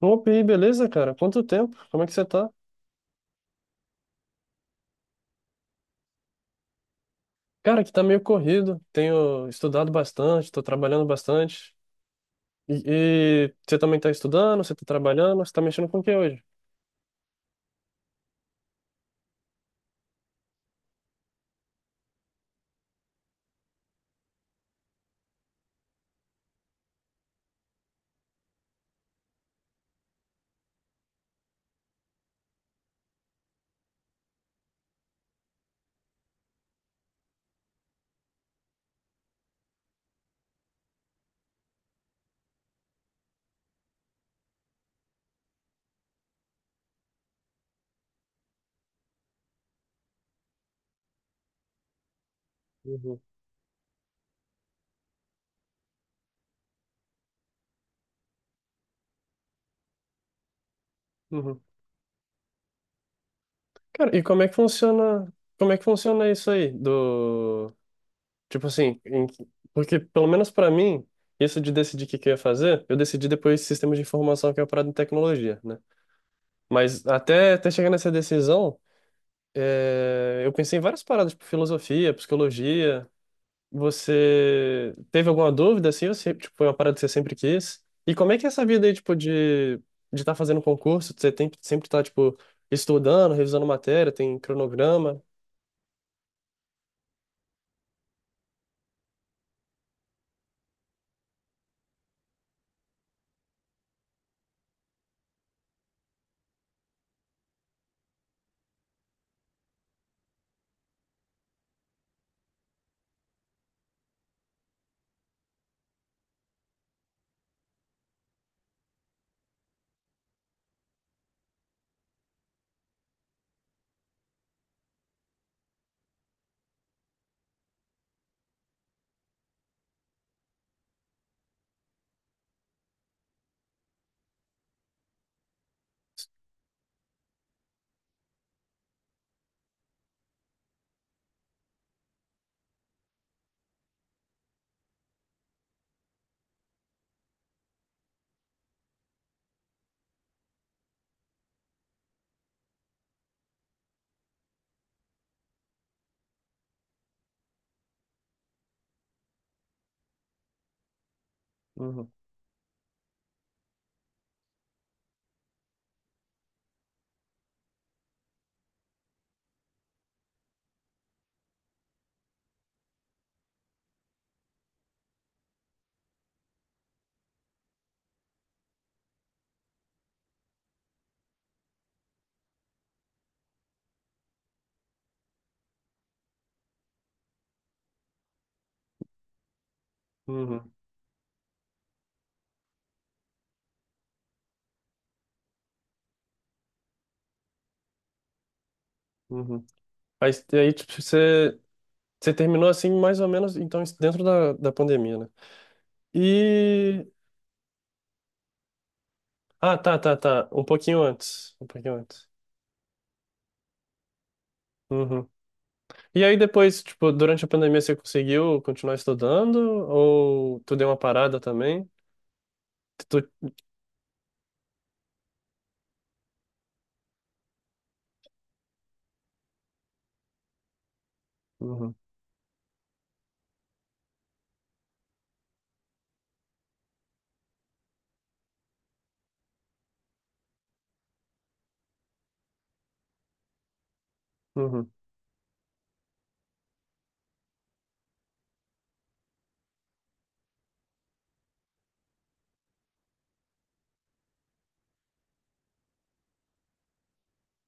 Opa, e aí, beleza, cara? Quanto tempo? Como é que você tá? Cara, aqui tá meio corrido. Tenho estudado bastante, tô trabalhando bastante. E, e você também tá estudando, você tá trabalhando, você tá mexendo com o que hoje? Uhum, uhum. Cara, como é que funciona isso aí do, tipo assim, porque pelo menos pra mim, isso de decidir o que que eu ia fazer, eu decidi depois de sistemas de informação que é uma parada em tecnologia, né? Mas até chegar nessa decisão, eu pensei em várias paradas, tipo filosofia, psicologia. Você teve alguma dúvida assim? Ou sempre, tipo, foi uma parada que você sempre quis? E como é que é essa vida aí, tipo, de estar fazendo concurso? Você tem, sempre tá, tipo, estudando, revisando matéria, tem cronograma? Uhum, uhum, uhum. Aí, tipo, você terminou assim, mais ou menos, então, dentro da, da pandemia, né? E. Ah, tá, tá, tá. Um pouquinho antes. Um pouquinho antes. Uhum. E aí depois, tipo, durante a pandemia você conseguiu continuar estudando? Ou tu deu uma parada também? Tu. Uhum, uhum,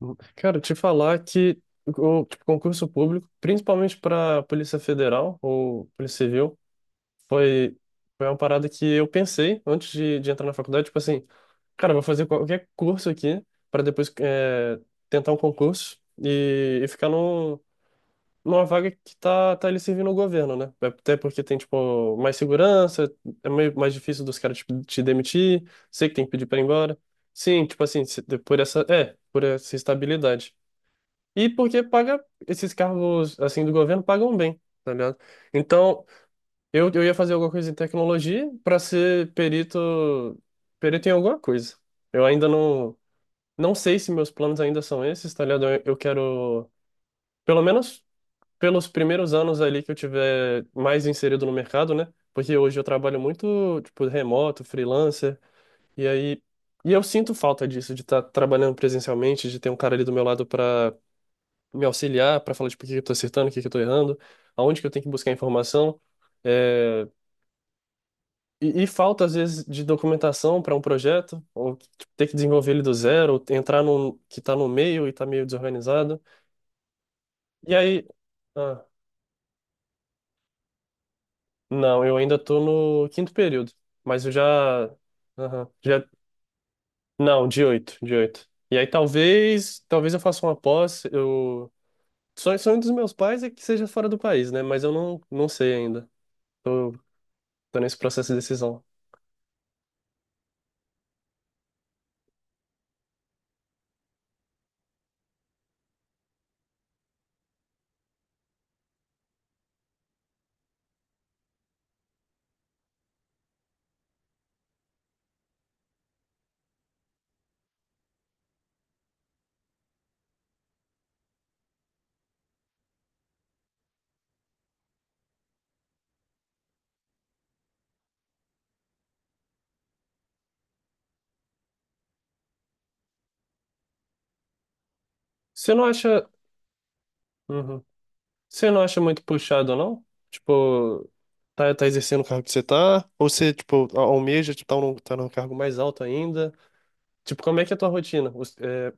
uhum. Cara, te falar que o tipo, concurso público, principalmente para Polícia Federal ou Polícia Civil, foi, foi uma parada que eu pensei antes de entrar na faculdade, tipo assim, cara, eu vou fazer qualquer curso aqui para depois tentar um concurso e ficar numa vaga que tá ele servindo o governo, né? É. Até porque tem, tipo, mais segurança, é meio mais difícil dos caras tipo, te demitir, sei que tem que pedir pra ir embora. Sim, tipo assim, por essa, por essa estabilidade. E porque paga, esses cargos, assim, do governo pagam bem, tá ligado? Então, eu ia fazer alguma coisa em tecnologia pra ser perito, perito em alguma coisa. Eu ainda não, não sei se meus planos ainda são esses, tá ligado? Eu quero... Pelo menos pelos primeiros anos ali que eu tiver mais inserido no mercado, né? Porque hoje eu trabalho muito, tipo, remoto, freelancer, e aí e eu sinto falta disso, de estar trabalhando presencialmente, de ter um cara ali do meu lado para me auxiliar, para falar, tipo, o que que eu tô acertando, o que que eu tô errando, aonde que eu tenho que buscar informação. É, e falta, às vezes, de documentação para um projeto, ou tipo, ter que desenvolver ele do zero, ou entrar num que tá no meio e tá meio desorganizado. E aí. ah, Não, eu ainda tô no quinto período, mas eu já. Aham, já, não, de oito. E aí talvez eu faça uma pós. Eu sonho dos meus pais é que seja fora do país, né? Mas eu não sei ainda. Tô nesse processo de decisão. Você não acha, uhum. Você não acha muito puxado, não? Tipo, tá exercendo o cargo que você tá? Ou você, tipo, almeja, tipo, tá num cargo mais alto ainda? Tipo, como é que é a tua rotina?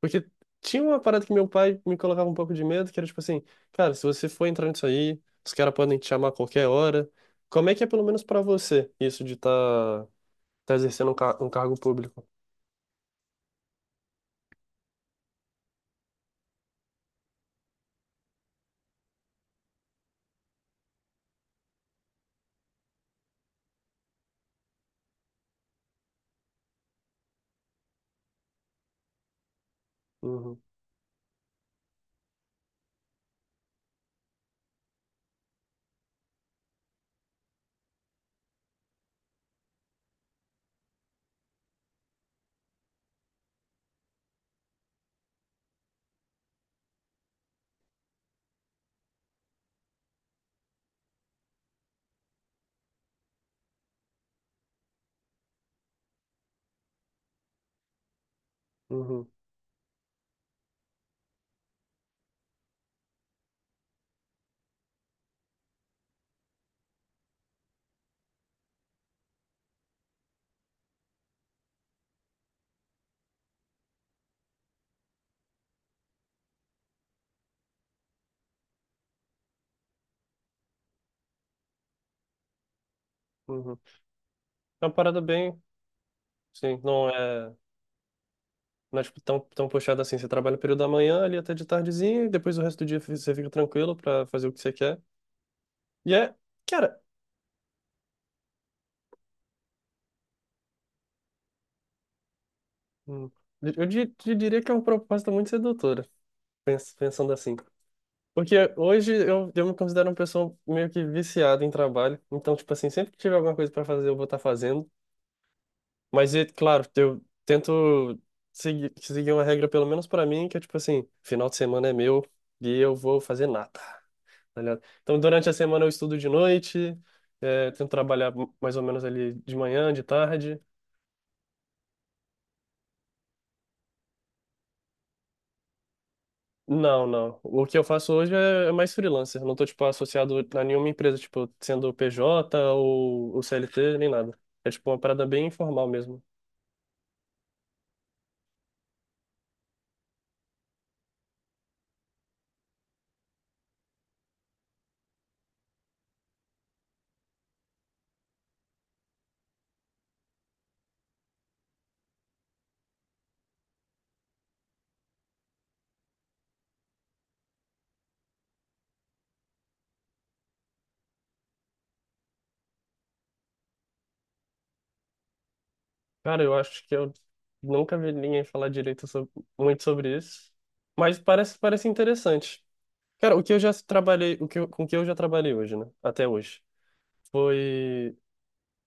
Porque tinha uma parada que meu pai me colocava um pouco de medo, que era tipo assim, cara, se você for entrar nisso aí, os caras podem te chamar a qualquer hora. Como é que é, pelo menos pra você, isso de tá exercendo car um cargo público? Uhum, uhum, uhum. É uma parada bem, sim, não é tipo, tão puxada assim. Você trabalha o período da manhã ali até de tardezinha, e depois o resto do dia você fica tranquilo pra fazer o que você quer. E é, cara, hum, eu diria que é uma proposta muito sedutora, pensando assim. Porque hoje eu me considero uma pessoa meio que viciada em trabalho. Então, tipo assim, sempre que tiver alguma coisa para fazer, eu vou estar fazendo. Mas, é claro, eu tento seguir uma regra, pelo menos para mim, que é tipo assim, final de semana é meu e eu vou fazer nada, tá ligado? Então, durante a semana eu estudo de noite, tento trabalhar mais ou menos ali de manhã, de tarde. Não, não. O que eu faço hoje é mais freelancer. Não tô, tipo, associado a nenhuma empresa, tipo, sendo PJ ou CLT, nem nada. É, tipo, uma parada bem informal mesmo. Cara, eu acho que eu nunca vi ninguém falar muito sobre isso. Mas parece interessante. Cara, o que eu já trabalhei, com o que eu já trabalhei hoje, né? Até hoje. Foi...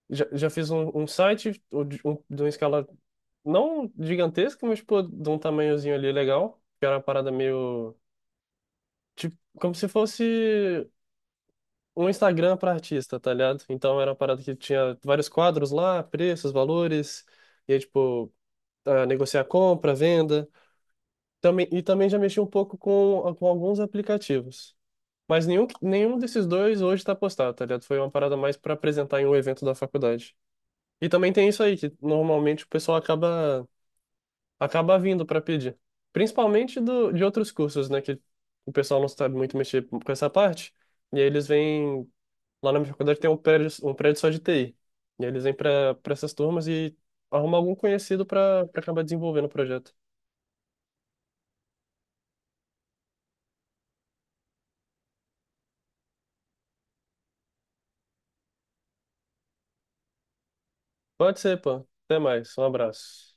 Já fiz um site de uma escala não gigantesca, mas, pô, de um tamanhozinho ali legal. Que era uma parada meio... Tipo, como se fosse um Instagram para artista, tá ligado? Então era uma parada que tinha vários quadros lá, preços, valores, e aí, tipo, ah, negociar compra, venda. Também, e também já mexi um pouco com alguns aplicativos. Mas nenhum desses dois hoje está postado, tá ligado? Foi uma parada mais para apresentar em um evento da faculdade. E também tem isso aí, que normalmente o pessoal acaba, acaba vindo para pedir. Principalmente de outros cursos, né? Que o pessoal não sabe muito mexer com essa parte. E aí eles vêm lá na minha faculdade tem um prédio só de TI. E aí eles vêm para essas turmas e arrumam algum conhecido para acabar desenvolvendo o projeto. Pode ser, pô. Até mais. Um abraço.